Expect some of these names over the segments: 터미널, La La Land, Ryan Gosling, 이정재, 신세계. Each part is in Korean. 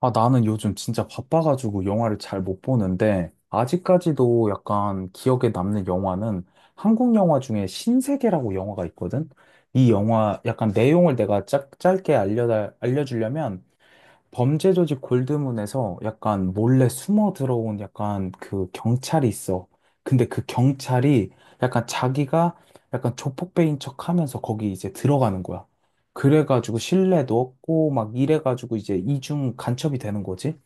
아, 나는 요즘 진짜 바빠가지고 영화를 잘 못 보는데, 아직까지도 약간 기억에 남는 영화는 한국 영화 중에 신세계라고 영화가 있거든? 이 영화 약간 내용을 내가 짧게 알려주려면 범죄 조직 골드문에서 약간 몰래 숨어 들어온 약간 그 경찰이 있어. 근데 그 경찰이 약간 자기가 약간 조폭배인 척 하면서 거기 이제 들어가는 거야. 그래가지고 신뢰도 얻고 막 이래가지고 이제 이중 간첩이 되는 거지.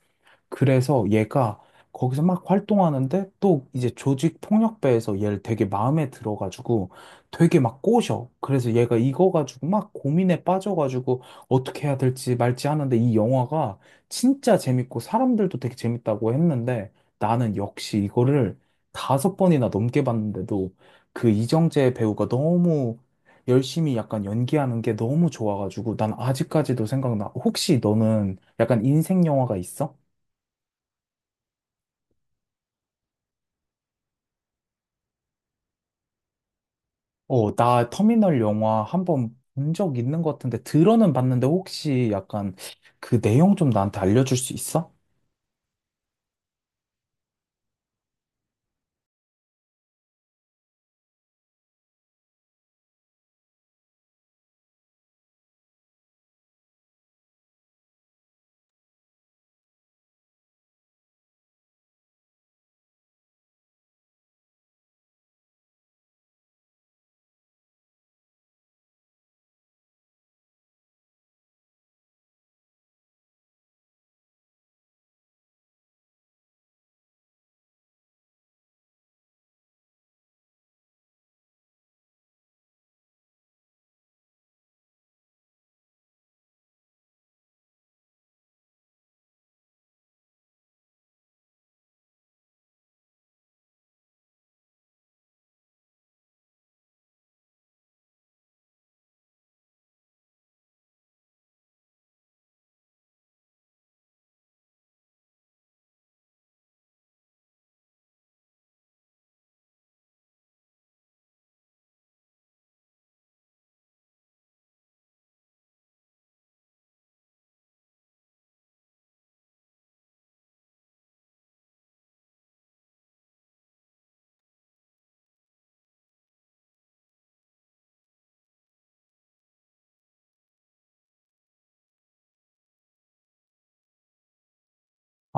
그래서 얘가 거기서 막 활동하는데 또 이제 조직 폭력배에서 얘를 되게 마음에 들어가지고 되게 막 꼬셔. 그래서 얘가 이거 가지고 막 고민에 빠져가지고 어떻게 해야 될지 말지 하는데 이 영화가 진짜 재밌고 사람들도 되게 재밌다고 했는데 나는 역시 이거를 다섯 번이나 넘게 봤는데도 그 이정재 배우가 너무 열심히 약간 연기하는 게 너무 좋아가지고 난 아직까지도 생각나. 혹시 너는 약간 인생 영화가 있어? 어, 나 터미널 영화 한 번 본 적 있는 것 같은데, 들어는 봤는데, 혹시 약간 그 내용 좀 나한테 알려줄 수 있어?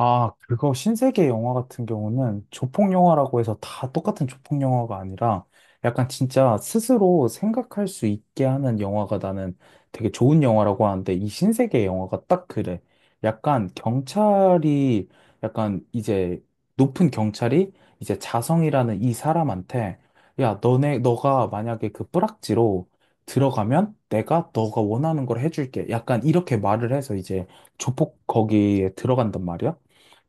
아, 그거 신세계 영화 같은 경우는 조폭 영화라고 해서 다 똑같은 조폭 영화가 아니라 약간 진짜 스스로 생각할 수 있게 하는 영화가 나는 되게 좋은 영화라고 하는데 이 신세계 영화가 딱 그래. 약간 경찰이 약간 이제 높은 경찰이 이제 자성이라는 이 사람한테 야, 너네 너가 만약에 그 뿌락지로 들어가면 내가 너가 원하는 걸 해줄게. 약간 이렇게 말을 해서 이제 조폭 거기에 들어간단 말이야.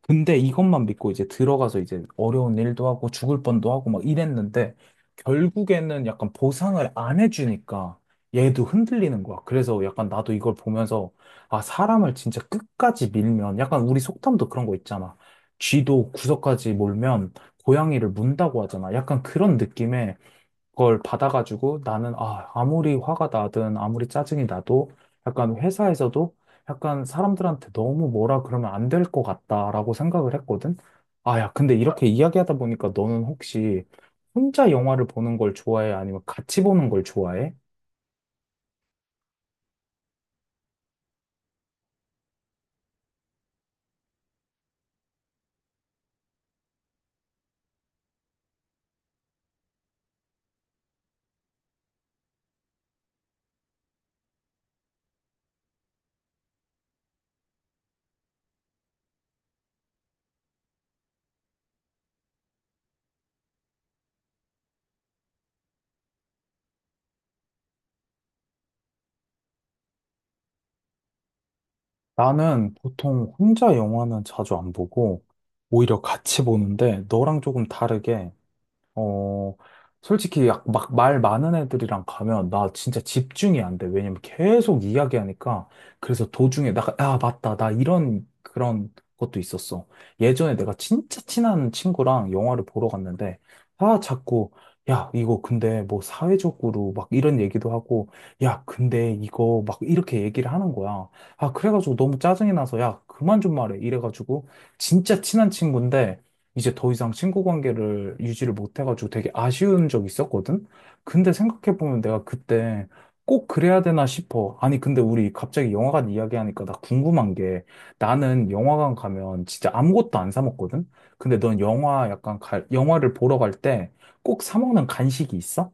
근데 이것만 믿고 이제 들어가서 이제 어려운 일도 하고 죽을 뻔도 하고 막 이랬는데 결국에는 약간 보상을 안 해주니까 얘도 흔들리는 거야. 그래서 약간 나도 이걸 보면서 아, 사람을 진짜 끝까지 밀면 약간 우리 속담도 그런 거 있잖아. 쥐도 구석까지 몰면 고양이를 문다고 하잖아. 약간 그런 느낌에 그걸 받아가지고 나는 아, 아무리 화가 나든 아무리 짜증이 나도 약간 회사에서도 약간 사람들한테 너무 뭐라 그러면 안 될 것 같다라고 생각을 했거든. 아, 야, 근데 이렇게 이야기하다 보니까 너는 혹시 혼자 영화를 보는 걸 좋아해? 아니면 같이 보는 걸 좋아해? 나는 보통 혼자 영화는 자주 안 보고 오히려 같이 보는데 너랑 조금 다르게 어, 솔직히 약 막 말 많은 애들이랑 가면 나 진짜 집중이 안 돼. 왜냐면 계속 이야기하니까. 그래서 도중에 나, 아, 맞다. 나 이런 그런 것도 있었어. 예전에 내가 진짜 친한 친구랑 영화를 보러 갔는데, 아, 자꾸, 야, 이거 근데 뭐 사회적으로 막 이런 얘기도 하고, 야, 근데 이거 막 이렇게 얘기를 하는 거야. 아, 그래가지고 너무 짜증이 나서, 야, 그만 좀 말해. 이래가지고, 진짜 친한 친구인데, 이제 더 이상 친구 관계를 유지를 못해가지고 되게 아쉬운 적이 있었거든? 근데 생각해보면 내가 그때 꼭 그래야 되나 싶어. 아니, 근데 우리 갑자기 영화관 이야기하니까 나 궁금한 게 나는 영화관 가면 진짜 아무것도 안 사 먹거든? 근데 넌 영화 약간 영화를 보러 갈 때 꼭 사 먹는 간식이 있어?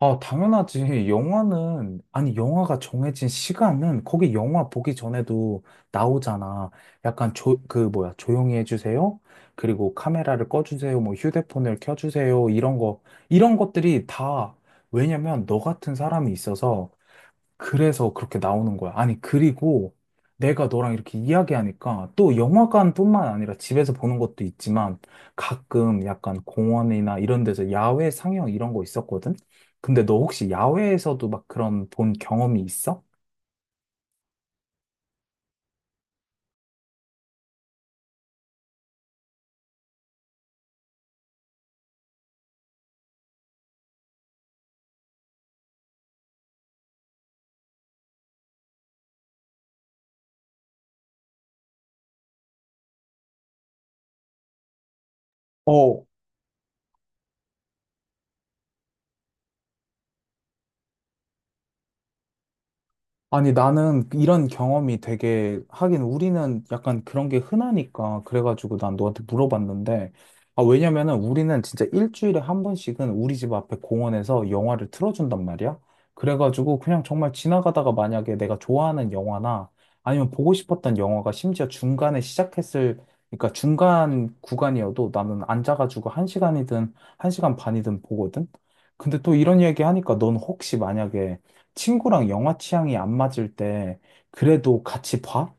아, 당연하지. 영화는, 아니, 영화가 정해진 시간은 거기 영화 보기 전에도 나오잖아. 약간 조, 그, 뭐야, 조용히 해주세요. 그리고 카메라를 꺼주세요. 뭐 휴대폰을 켜주세요. 이런 거, 이런 것들이 다, 왜냐면 너 같은 사람이 있어서 그래서 그렇게 나오는 거야. 아니, 그리고 내가 너랑 이렇게 이야기하니까 또 영화관뿐만 아니라 집에서 보는 것도 있지만 가끔 약간 공원이나 이런 데서 야외 상영 이런 거 있었거든? 근데 너 혹시 야외에서도 막 그런 본 경험이 있어? 어. 아니, 나는 이런 경험이 되게, 하긴 우리는 약간 그런 게 흔하니까, 그래가지고 난 너한테 물어봤는데, 아, 왜냐면은 우리는 진짜 일주일에 한 번씩은 우리 집 앞에 공원에서 영화를 틀어준단 말이야. 그래가지고 그냥 정말 지나가다가 만약에 내가 좋아하는 영화나 아니면 보고 싶었던 영화가 심지어 중간에 시작했을, 그러니까 중간 구간이어도 나는 앉아가지고 한 시간이든 한 시간 반이든 보거든? 근데 또 이런 이야기 하니까 넌 혹시 만약에 친구랑 영화 취향이 안 맞을 때 그래도 같이 봐?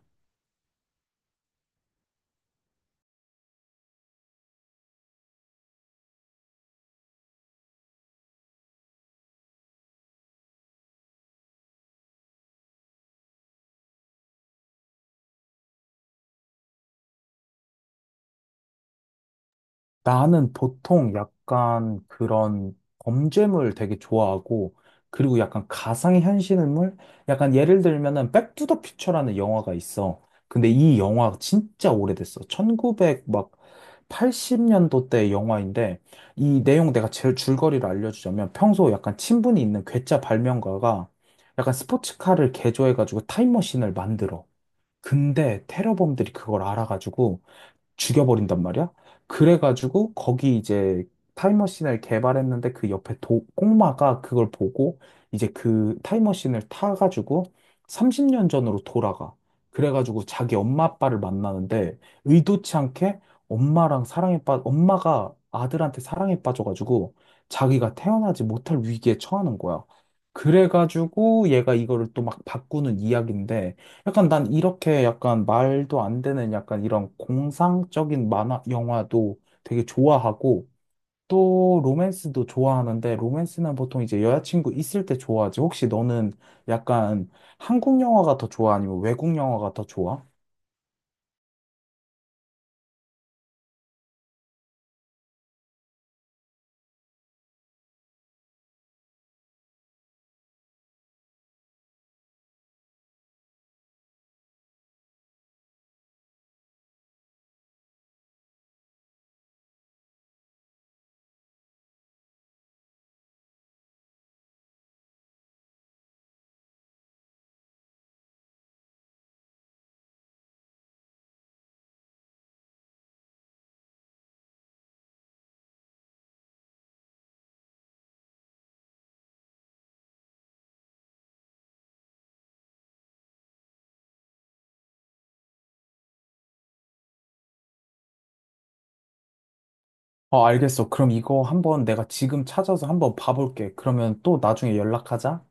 나는 보통 약간 그런 범죄물 되게 좋아하고 그리고 약간 가상의 현실물? 약간 예를 들면은 백투더 퓨처라는 영화가 있어. 근데 이 영화 진짜 오래됐어. 1 9백막 80년도 때 영화인데 이 내용 내가 제일 줄거리를 알려주자면 평소 약간 친분이 있는 괴짜 발명가가 약간 스포츠카를 개조해가지고 타임머신을 만들어. 근데 테러범들이 그걸 알아가지고 죽여버린단 말이야. 그래가지고 거기 이제 타임머신을 개발했는데 그 옆에 꼬마가 그걸 보고 이제 그 타임머신을 타가지고 30년 전으로 돌아가. 그래가지고 자기 엄마 아빠를 만나는데 의도치 않게 엄마가 아들한테 사랑에 빠져가지고 자기가 태어나지 못할 위기에 처하는 거야. 그래가지고 얘가 이거를 또 막 바꾸는 이야기인데 약간 난 이렇게 약간 말도 안 되는 약간 이런 공상적인 만화, 영화도 되게 좋아하고 또 로맨스도 좋아하는데 로맨스는 보통 이제 여자친구 있을 때 좋아하지. 혹시 너는 약간 한국 영화가 더 좋아? 아니면 외국 영화가 더 좋아? 어, 알겠어. 그럼 이거 한번 내가 지금 찾아서 한번 봐볼게. 그러면 또 나중에 연락하자.